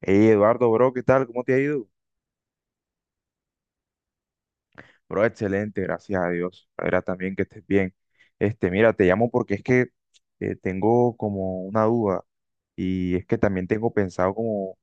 Hey Eduardo, bro, ¿qué tal? ¿Cómo te ha ido? Bro, excelente, gracias a Dios. Ahora también que estés bien. Este, mira, te llamo porque es que tengo como una duda y es que también tengo pensado como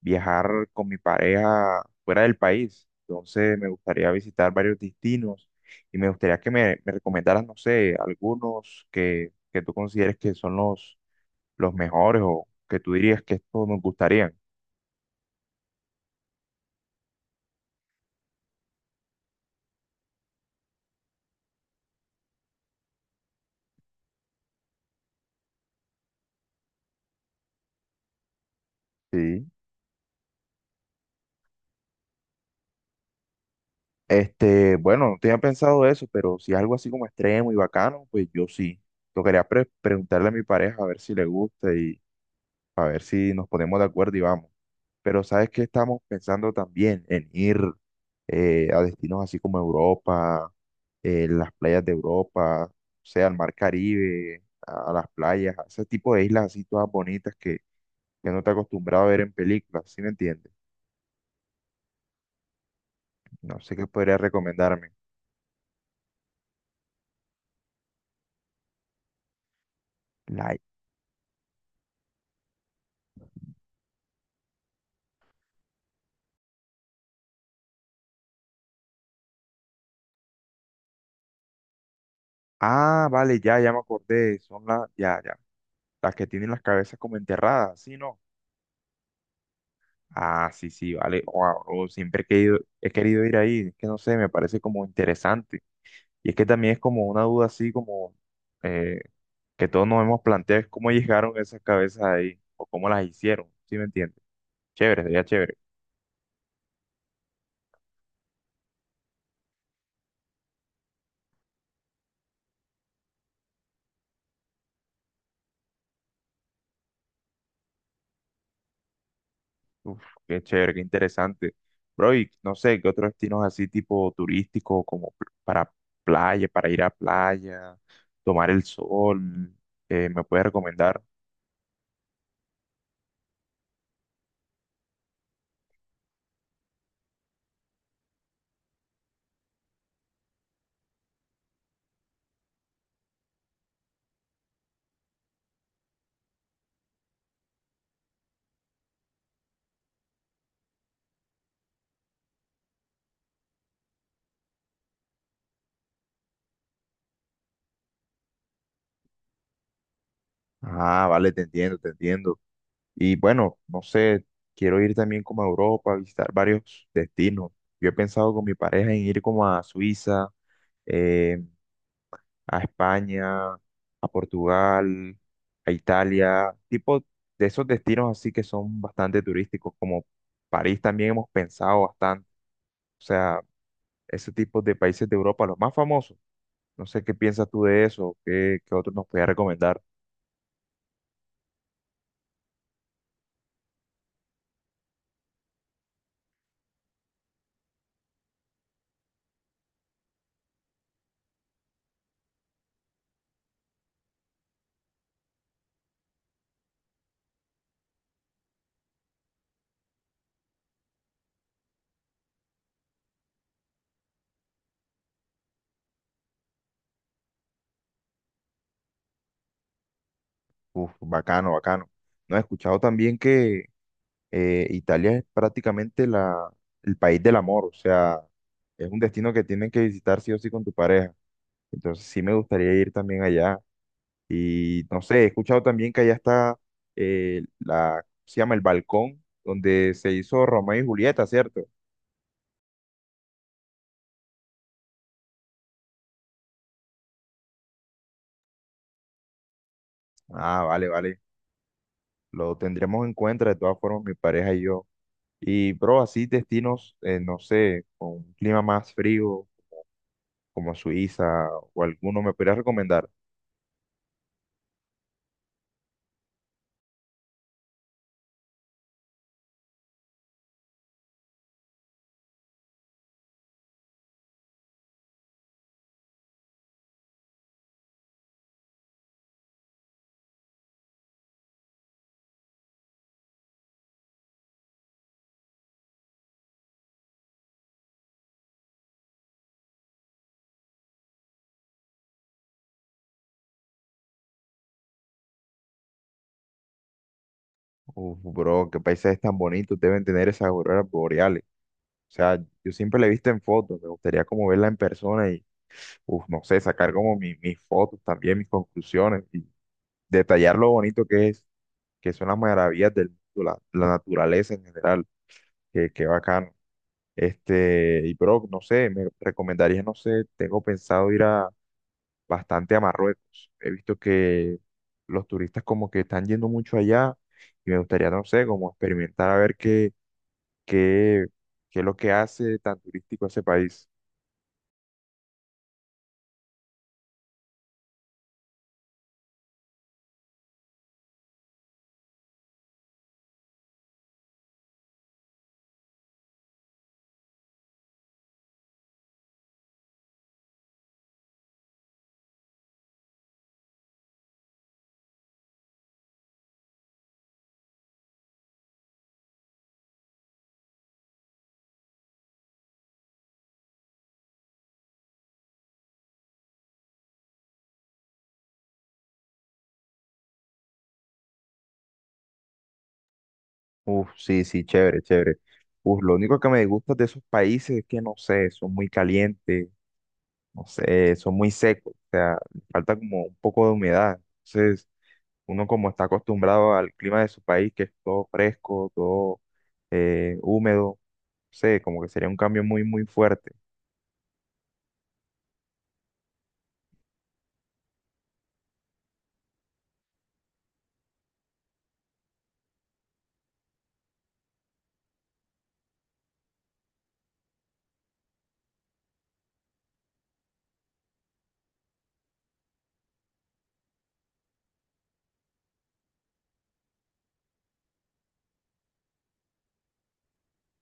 viajar con mi pareja fuera del país. Entonces me gustaría visitar varios destinos y me gustaría que me recomendaras, no sé, algunos que tú consideres que son los mejores o que tú dirías que estos nos gustarían. Sí. Este, bueno, no tenía pensado eso, pero si es algo así como extremo y bacano, pues yo sí. Lo quería preguntarle a mi pareja a ver si le gusta y a ver si nos ponemos de acuerdo y vamos. Pero ¿sabes qué estamos pensando también? En ir a destinos así como Europa, las playas de Europa, o sea, al mar Caribe, a las playas, a ese tipo de islas así todas bonitas que no te acostumbrado a ver en películas, ¿sí me entiendes? No sé qué podría recomendarme. Like. Ah, vale, ya, ya me acordé. Son las, ya, ya. Las que tienen las cabezas como enterradas, ¿sí, no? Ah, sí, sí, vale. Wow, oh, siempre he querido ir ahí. Es que no sé, me parece como interesante. Y es que también es como una duda así, como eh, que todos nos hemos planteado, es cómo llegaron esas cabezas ahí, o cómo las hicieron, ¿sí me entiendes? Chévere, sería chévere. Uf, qué chévere, qué interesante. Bro, y no sé, ¿qué otros destinos así tipo turístico, como para playa, para ir a playa, tomar el sol, me puedes recomendar? Ah, vale, te entiendo, te entiendo. Y bueno, no sé, quiero ir también como a Europa, a visitar varios destinos. Yo he pensado con mi pareja en ir como a Suiza, eh, a España, a Portugal, a Italia, tipo de esos destinos así que son bastante turísticos, como París también hemos pensado bastante, o sea, ese tipo de países de Europa, los más famosos. No sé qué piensas tú de eso, qué, qué otros nos puedes recomendar. Uf, bacano, bacano. No, he escuchado también que Italia es prácticamente la, el país del amor, o sea, es un destino que tienen que visitar sí o sí con tu pareja. Entonces sí me gustaría ir también allá. Y no sé, he escuchado también que allá está la, se llama el balcón donde se hizo Romeo y Julieta, ¿cierto? Ah, vale, vale. Lo tendremos en cuenta de todas formas, mi pareja y yo. Y, bro, así destinos, no sé, con un clima más frío, como Suiza o alguno, ¿me podrías recomendar? Uf, bro, qué paisajes tan bonitos deben tener esas auroras boreales. O sea, yo siempre la he visto en fotos, me gustaría como verla en persona y, uf, no sé, sacar como mis fotos también, mis conclusiones, y detallar lo bonito que es, que son las maravillas del mundo, la naturaleza en general, que bacano. Este, y bro, no sé, me recomendarías, no sé, tengo pensado ir a bastante a Marruecos. He visto que los turistas como que están yendo mucho allá y me gustaría, no sé, como experimentar a ver qué, qué, qué es lo que hace tan turístico ese país. Uf, sí, sí, chévere, chévere. Uf, lo único que me disgusta de esos países es que, no sé, son muy calientes, no sé, son muy secos, o sea, falta como un poco de humedad. Entonces, uno como está acostumbrado al clima de su país, que es todo fresco, todo húmedo, no sé, como que sería un cambio muy, muy fuerte.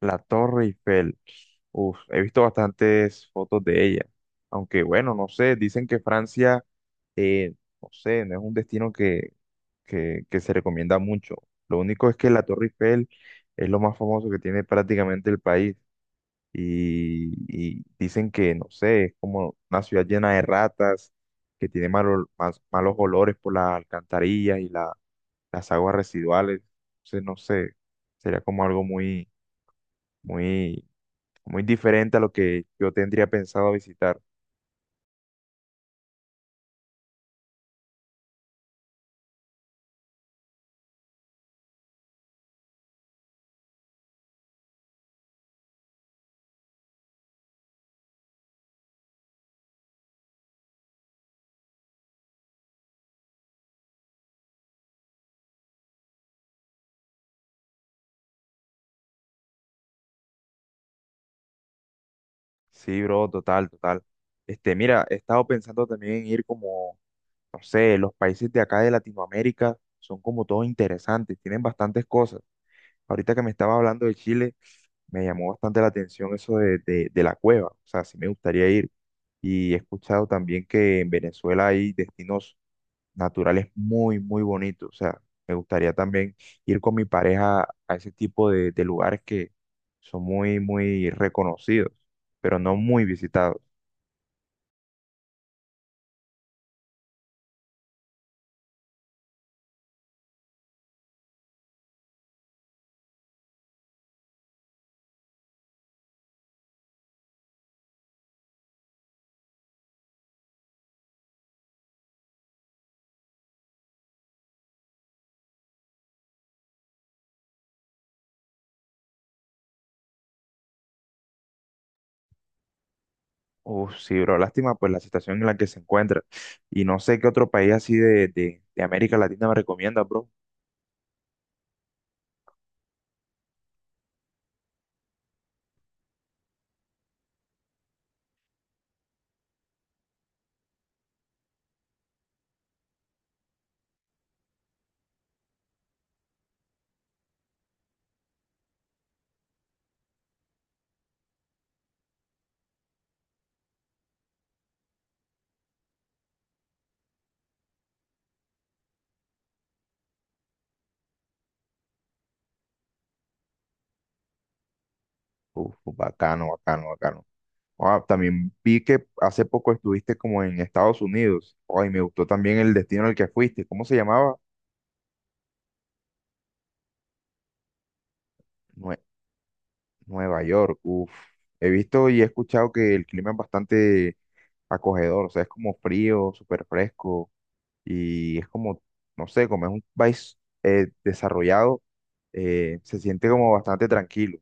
La Torre Eiffel, uf, he visto bastantes fotos de ella, aunque bueno, no sé, dicen que Francia, eh, no sé, no es un destino que se recomienda mucho. Lo único es que la Torre Eiffel es lo más famoso que tiene prácticamente el país, y, y dicen que, no sé, es como una ciudad llena de ratas, que tiene malos olores por las alcantarillas y las aguas residuales. Entonces, no sé, sería como algo muy, muy, muy diferente a lo que yo tendría pensado visitar. Sí, bro, total, total. Este, mira, he estado pensando también en ir como, no sé, los países de acá de Latinoamérica son como todos interesantes, tienen bastantes cosas. Ahorita que me estaba hablando de Chile, me llamó bastante la atención eso de, de la cueva, o sea, sí me gustaría ir. Y he escuchado también que en Venezuela hay destinos naturales muy, muy bonitos, o sea, me gustaría también ir con mi pareja a ese tipo de lugares que son muy, muy reconocidos, pero no muy visitados. Uf, sí, bro, lástima pues la situación en la que se encuentra. Y no sé qué otro país así de América Latina me recomienda, bro. Uf, bacano, bacano, bacano. Ah, también vi que hace poco estuviste como en Estados Unidos. Ay, me gustó también el destino al que fuiste. ¿Cómo se llamaba? Nue- Nueva York. Uf. He visto y he escuchado que el clima es bastante acogedor. O sea, es como frío, súper fresco. Y es como, no sé, como es un país desarrollado, se siente como bastante tranquilo.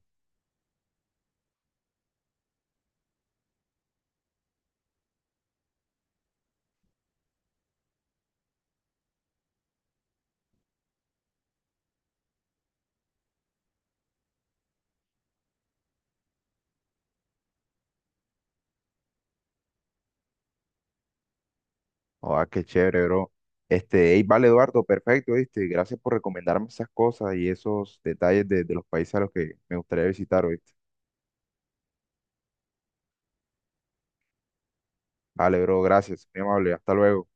Ah, qué chévere, bro. Este, ey, vale, Eduardo, perfecto, ¿viste? Gracias por recomendarme esas cosas y esos detalles de los países a los que me gustaría visitar hoy. Vale, bro, gracias. Muy amable. Hasta luego.